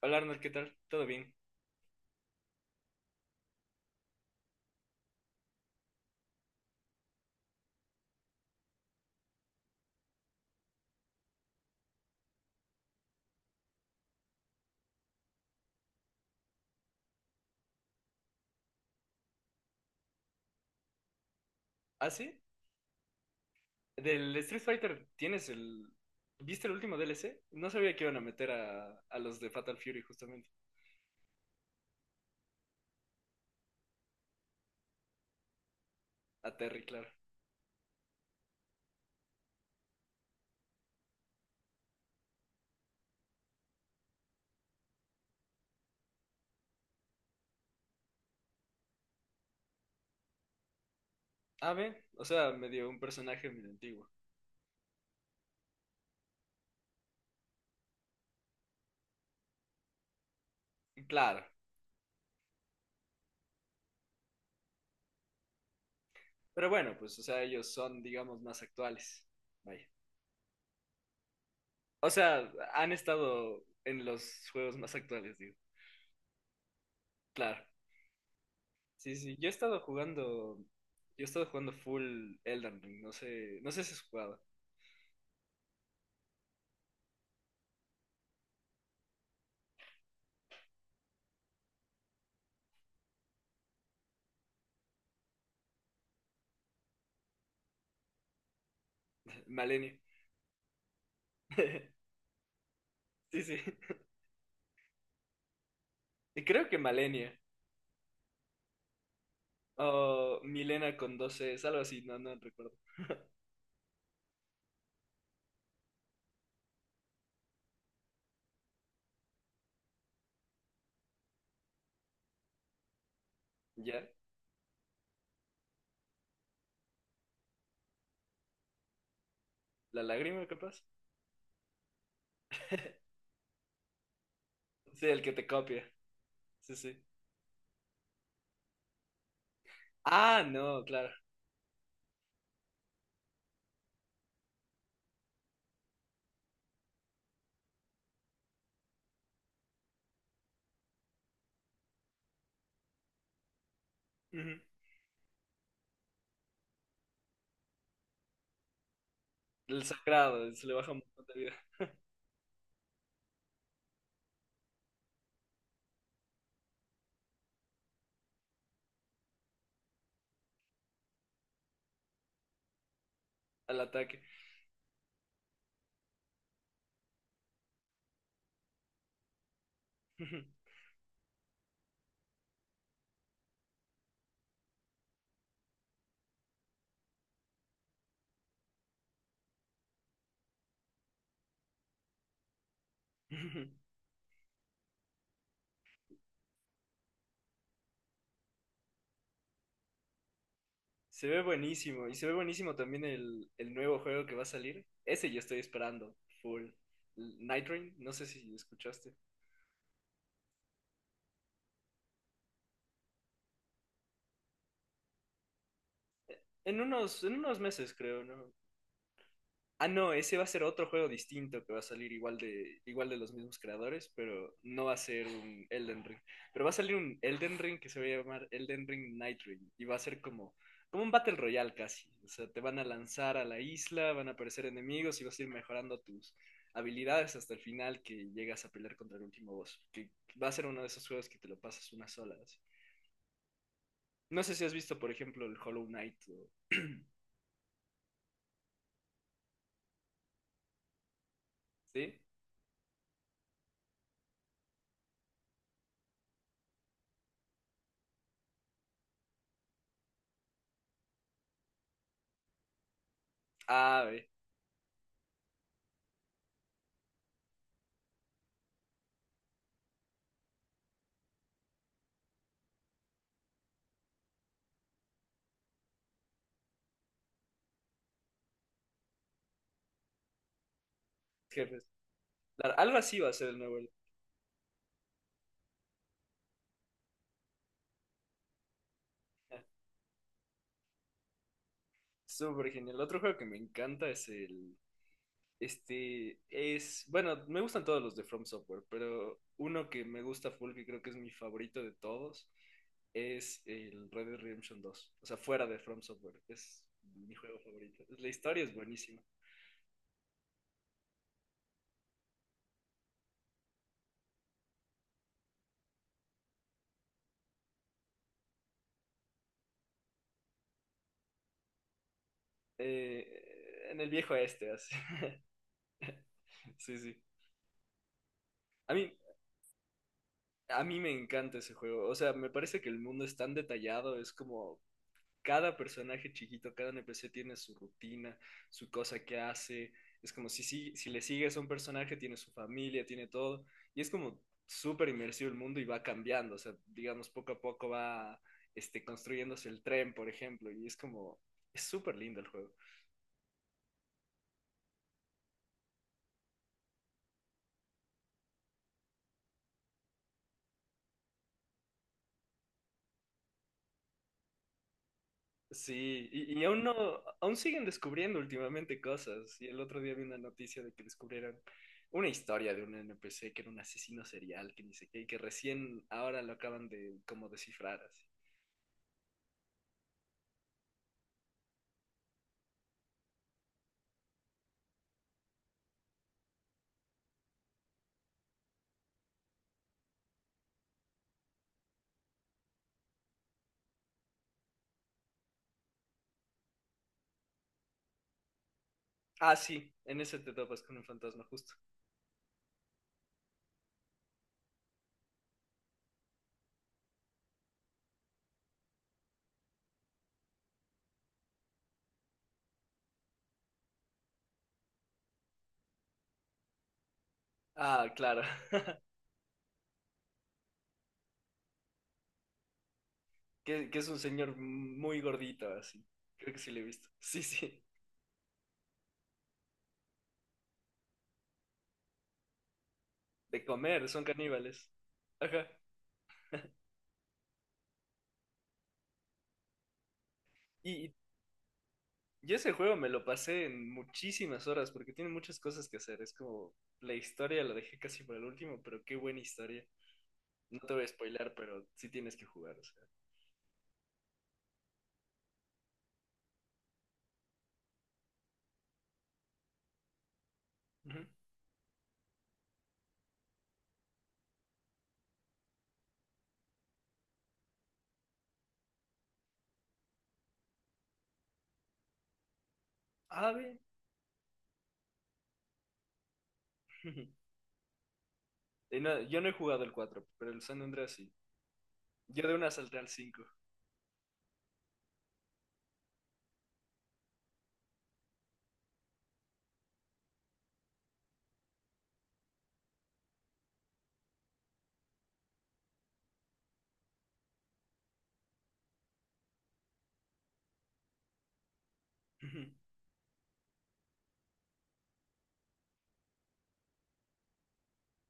Hola Arnold, ¿qué tal? ¿Todo bien? ¿Ah, sí? Del Street Fighter, ¿tienes el... ¿Viste el último DLC? No sabía que iban a meter a los de Fatal Fury justamente. A Terry, claro. Ah, ve, o sea, medio un personaje medio antiguo. Claro. Pero bueno, pues, o sea, ellos son, digamos, más actuales. Vaya. O sea, han estado en los juegos más actuales, digo. Claro. Sí, sí, yo he estado jugando... Yo he estado jugando full Elden Ring, no sé si has jugado. Malenia. Sí, sí. Y creo que Malenia o Milena con 12 es algo así, no recuerdo. ¿Ya? ¿La lágrima capaz? Sí, el que te copia. Sí, sí. Ah, no, claro. Ujú. El sagrado, se le baja un montón de vida al ataque. Ujú. Ujú. Se ve buenísimo. Y se ve buenísimo también el nuevo juego que va a salir. Ese yo estoy esperando. Full. Night Rain, no sé si escuchaste. En unos meses, creo, ¿no? Ah, no, ese va a ser otro juego distinto que va a salir igual de los mismos creadores, pero no va a ser un Elden Ring. Pero va a salir un Elden Ring que se va a llamar Elden Ring Night Ring y va a ser como un Battle Royale casi. O sea, te van a lanzar a la isla, van a aparecer enemigos y vas a ir mejorando tus habilidades hasta el final que llegas a pelear contra el último boss. Que va a ser uno de esos juegos que te lo pasas una sola así. No sé si has visto, por ejemplo, el Hollow Knight, ¿Sí? Ah, ve, jefes. Claro, algo así va a ser el nuevo. Súper genial. Otro juego que me encanta es el... Este es... Bueno, me gustan todos los de From Software, pero uno que me gusta full, que creo que es mi favorito de todos, es el Red Dead Redemption 2. O sea, fuera de From Software. Es mi juego favorito. La historia es buenísima. En el viejo este, así. Sí, sí. A mí, a mí me encanta ese juego. O sea, me parece que el mundo es tan detallado, es como cada personaje chiquito, cada NPC tiene su rutina, su cosa que hace. Es como si le sigues a un personaje, tiene su familia, tiene todo. Y es como súper inmersivo el mundo y va cambiando. O sea, digamos, poco a poco va construyéndose el tren, por ejemplo. Y es como, es súper lindo el juego. Sí, y aún no, aún siguen descubriendo últimamente cosas. Y el otro día vi una noticia de que descubrieron una historia de un NPC que era un asesino serial, que ni sé qué, y que recién ahora lo acaban de como descifrar así. Ah, sí, en ese te topas con un fantasma justo. Ah, claro. Que es un señor muy gordito, así. Creo que sí lo he visto. Sí, sí. De comer, son caníbales. Ajá. Y yo ese juego me lo pasé en muchísimas horas porque tiene muchas cosas que hacer. Es como la historia la dejé casi para el último, pero qué buena historia. No te voy a spoilar, pero sí tienes que jugar. O sea. Ujú. Ah, bien. Y no, yo no he jugado el 4 pero el San Andreas sí. Yo de una salté al 5.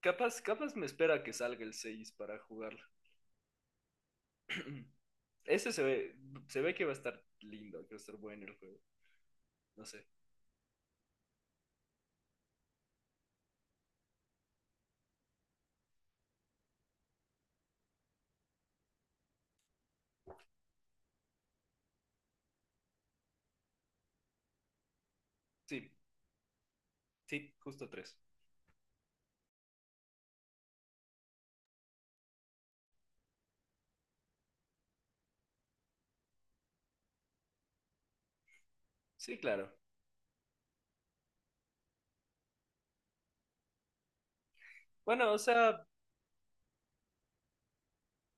Capaz, capaz me espera que salga el 6 para jugarlo. Ese se ve que va a estar lindo, que va a estar bueno el juego. No sé. Sí, sí, justo tres. Sí, claro. Bueno, o sea,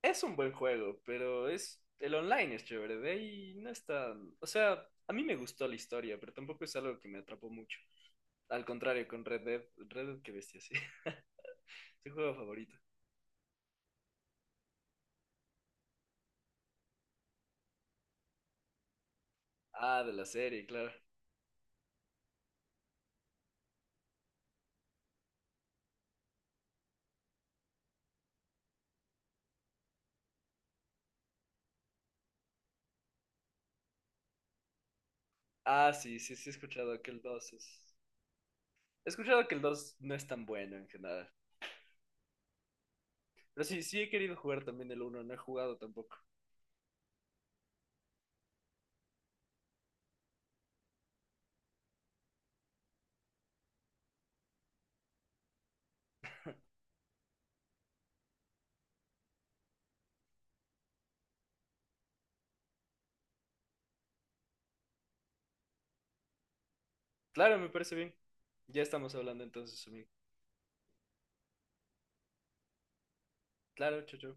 es un buen juego, pero es el online es chévere, de ahí no está, o sea, a mí me gustó la historia, pero tampoco es algo que me atrapó mucho. Al contrario, con Red Dead, Red Dead, qué bestia, sí. Es mi juego favorito. Ah, de la serie, claro. Ah, sí, sí, sí he escuchado que el 2 es... He escuchado que el 2 no es tan bueno en general. Pero sí, sí he querido jugar también el uno no he jugado tampoco. Claro, me parece bien. Ya estamos hablando entonces, amigo. Claro, chao, chao.